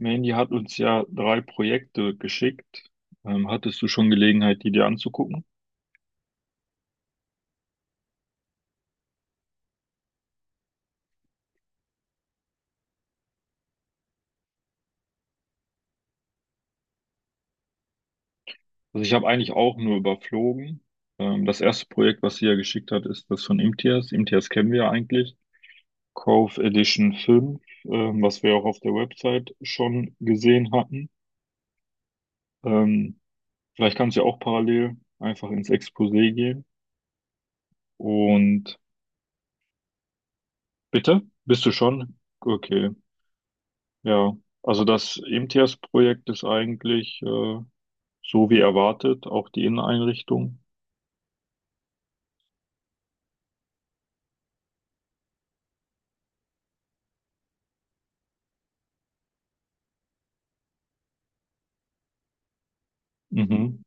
Mandy hat uns ja drei Projekte geschickt. Hattest du schon Gelegenheit, die dir anzugucken? Also ich habe eigentlich auch nur überflogen. Das erste Projekt, was sie ja geschickt hat, ist das von Imtiaz. Imtiaz kennen wir ja eigentlich. Cove Edition fünf, was wir auch auf der Website schon gesehen hatten. Ähm, Vielleicht kannst du ja auch parallel einfach ins Exposé gehen. Und bitte? Bist du schon? Okay, ja. Also das Imtiaz-Projekt ist eigentlich, so wie erwartet, auch die Inneneinrichtung. Mhm.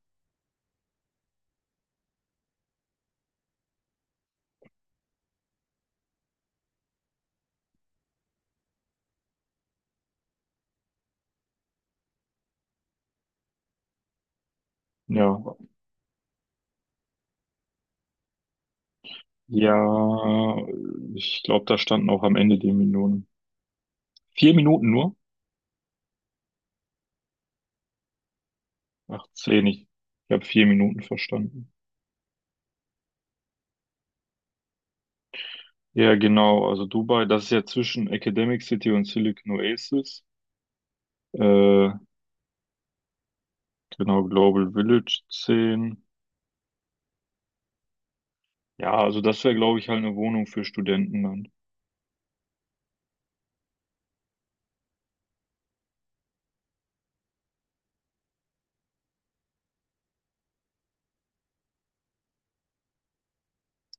Ja. Ja, ich glaube, da standen auch am Ende die Minuten. 4 Minuten nur? Ach, zehn. Ich habe 4 Minuten verstanden. Ja, genau. Also Dubai, das ist ja zwischen Academic City und Silicon Oasis. Äh, genau, Global Village zehn. Ja, also das wäre, glaube ich, halt eine Wohnung für Studenten dann.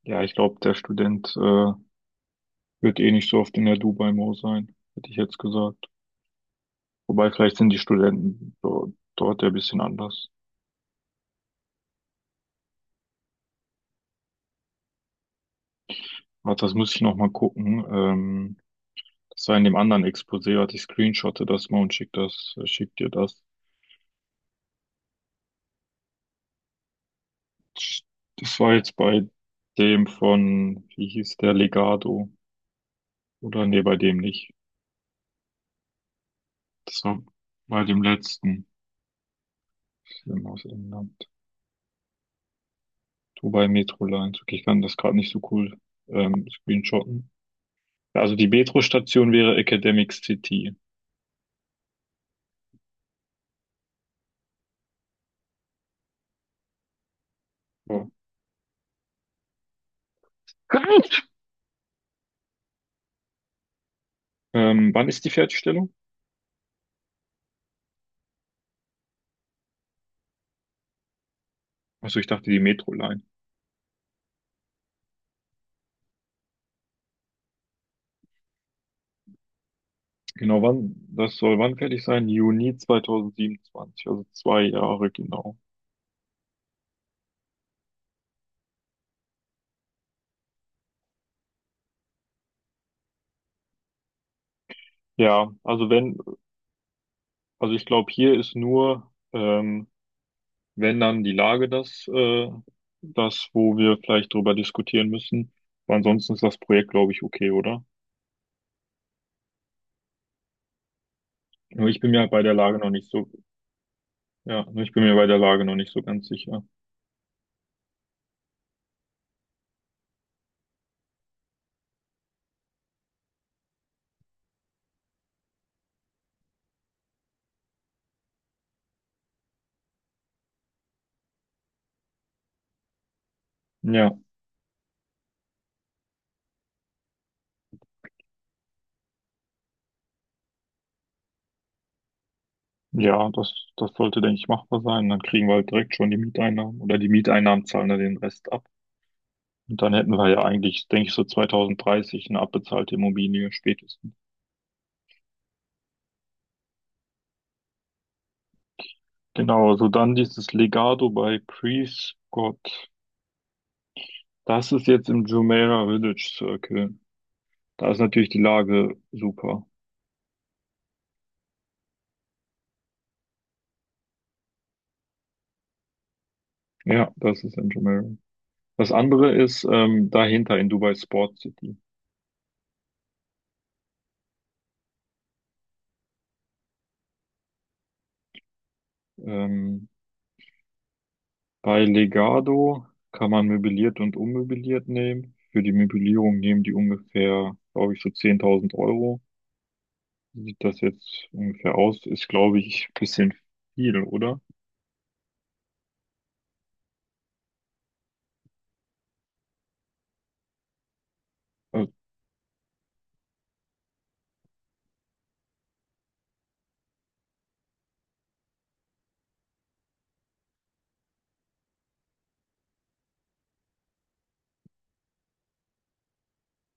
Ja, ich glaube, der Student wird eh nicht so oft in der Dubai Mall sein, hätte ich jetzt gesagt. Wobei, vielleicht sind die Studenten dort ja ein bisschen anders. Warte, das muss ich noch mal gucken. Das war in dem anderen Exposé, warte, ich screenshotte das mal und schick dir das. Das war jetzt bei dem von, wie hieß der, Legado. Oder nee, bei dem nicht. Das war bei dem letzten Film aus England. Dubai Metro Lines. Okay, ich kann das gerade nicht so cool screenshotten. Ja, also die Metro-Station wäre Academic City. So. Gut. Wann ist die Fertigstellung? Achso, ich dachte die Metro-Line. Genau, wann, das soll wann fertig sein? Juni 2027, also 2 Jahre genau. Ja, also wenn, also ich glaube, hier ist nur, wenn dann die Lage das, das, wo wir vielleicht drüber diskutieren müssen. Aber ansonsten ist das Projekt, glaube ich, okay, oder? Nur ich bin mir bei der Lage noch nicht so, ja, nur ich bin mir bei der Lage noch nicht so ganz sicher. Ja, ja, das sollte, denke ich, machbar sein. Dann kriegen wir halt direkt schon die Mieteinnahmen oder die Mieteinnahmen zahlen dann den Rest ab. Und dann hätten wir ja eigentlich, denke ich, so 2030 eine abbezahlte Immobilie spätestens. Genau, also dann dieses Legado bei Prescott. Das ist jetzt im Jumeirah Village Circle. Da ist natürlich die Lage super. Ja, das ist in Jumeirah. Das andere ist dahinter in Dubai Sport City. Ähm, Bei Legado kann man möbliert und unmöbliert nehmen. Für die Möblierung nehmen die ungefähr, glaube ich, so 10.000 Euro. Sieht das jetzt ungefähr aus? Ist, glaube ich, ein bisschen viel, oder? Also,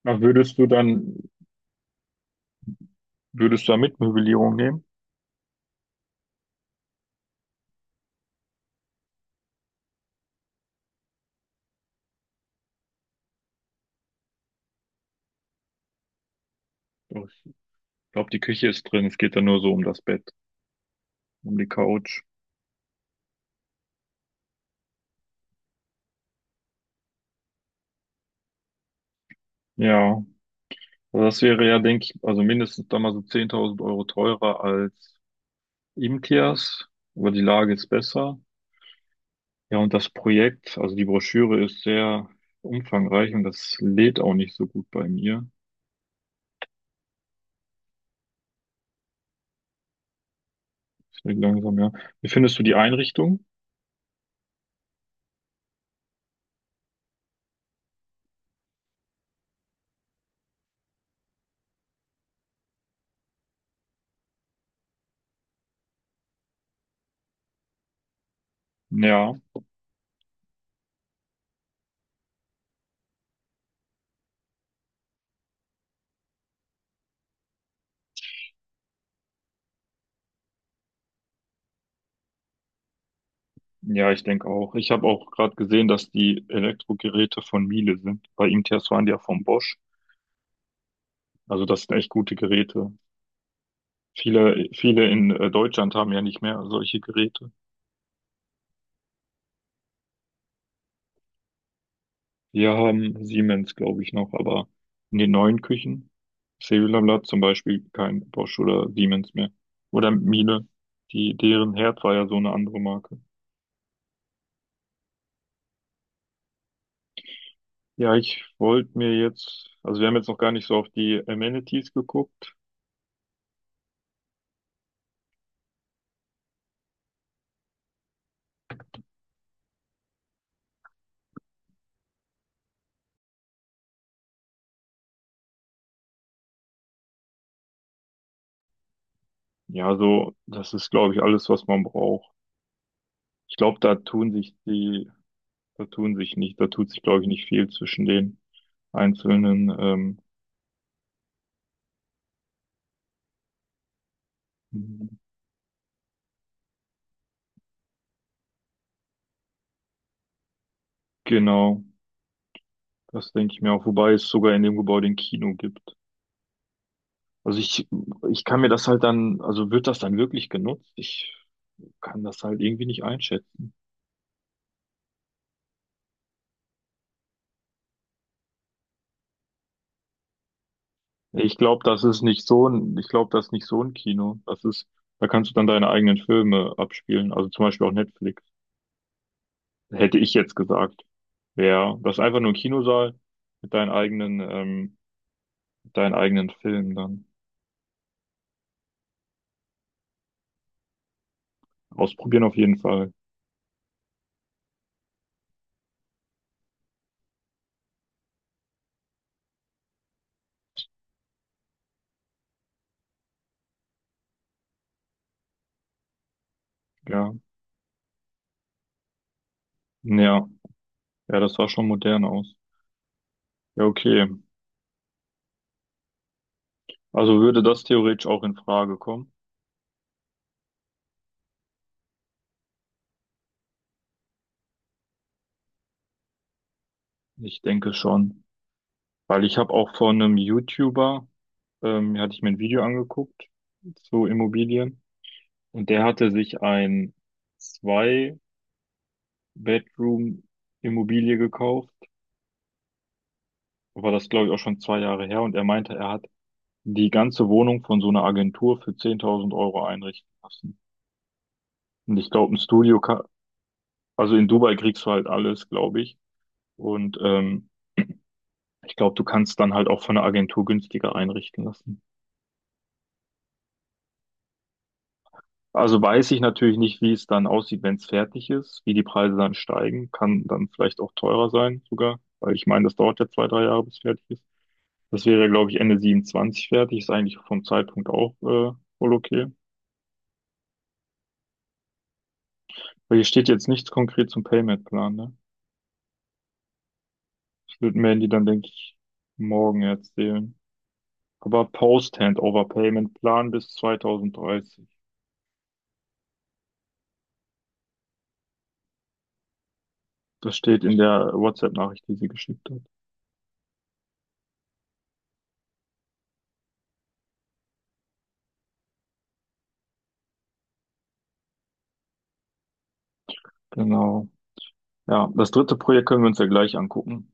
na, würdest du da mit Möblierung nehmen? Doch, ich glaube, die Küche ist drin. Es geht dann nur so um das Bett, um die Couch. Ja, also das wäre ja, denke ich, also mindestens dann mal so 10.000 Euro teurer als Imkias, aber die Lage ist besser. Ja, und das Projekt, also die Broschüre ist sehr umfangreich und das lädt auch nicht so gut bei mir. Ich denke langsam, ja. Wie findest du die Einrichtung? Ja. Ja, ich denke auch. Ich habe auch gerade gesehen, dass die Elektrogeräte von Miele sind. Bei IMTS waren die ja von Bosch. Also das sind echt gute Geräte. Viele, viele in Deutschland haben ja nicht mehr solche Geräte. Wir haben Siemens, glaube ich, noch, aber in den neuen Küchen, Cellular zum Beispiel, kein Bosch oder Siemens mehr. Oder Miele. Die, deren Herd war ja so eine andere Marke. Ja, ich wollte mir jetzt, also wir haben jetzt noch gar nicht so auf die Amenities geguckt. Ja, so, das ist, glaube ich, alles, was man braucht. Ich glaube, da tun sich die, da tun sich nicht, da tut sich, glaube ich, nicht viel zwischen den einzelnen. Genau, das denke ich mir auch. Wobei es sogar in dem Gebäude ein Kino gibt. Also ich kann mir das halt dann, also wird das dann wirklich genutzt? Ich kann das halt irgendwie nicht einschätzen. Ich glaube, das ist nicht so ein, ich glaube, das ist nicht so ein Kino. Das ist, da kannst du dann deine eigenen Filme abspielen. Also zum Beispiel auch Netflix. Hätte ich jetzt gesagt. Ja, das ist einfach nur ein Kinosaal mit deinen eigenen Film dann. Ausprobieren auf jeden Fall. Ja. Ja. Ja, das sah schon modern aus. Ja, okay. Also würde das theoretisch auch in Frage kommen? Ich denke schon. Weil ich habe auch von einem YouTuber, hatte ich mir ein Video angeguckt zu Immobilien. Und der hatte sich ein Zwei-Bedroom-Immobilie gekauft. War das, glaube ich, auch schon 2 Jahre her. Und er meinte, er hat die ganze Wohnung von so einer Agentur für 10.000 Euro einrichten lassen. Und ich glaube, ein Studio ka-. Also in Dubai kriegst du halt alles, glaube ich. Und ich glaube, du kannst dann halt auch von einer Agentur günstiger einrichten lassen. Also weiß ich natürlich nicht, wie es dann aussieht, wenn es fertig ist, wie die Preise dann steigen. Kann dann vielleicht auch teurer sein sogar, weil ich meine, das dauert ja 2, 3 Jahre, bis fertig ist. Das wäre, glaube ich, Ende 27 fertig. Ist eigentlich vom Zeitpunkt auch wohl okay. Weil hier steht jetzt nichts konkret zum Payment-Plan, ne? Das wird mir die dann, denke ich, morgen erzählen. Aber Post-Handover-Payment-Plan bis 2030. Das steht in der WhatsApp-Nachricht, die sie geschickt hat. Genau. Ja, das dritte Projekt können wir uns ja gleich angucken.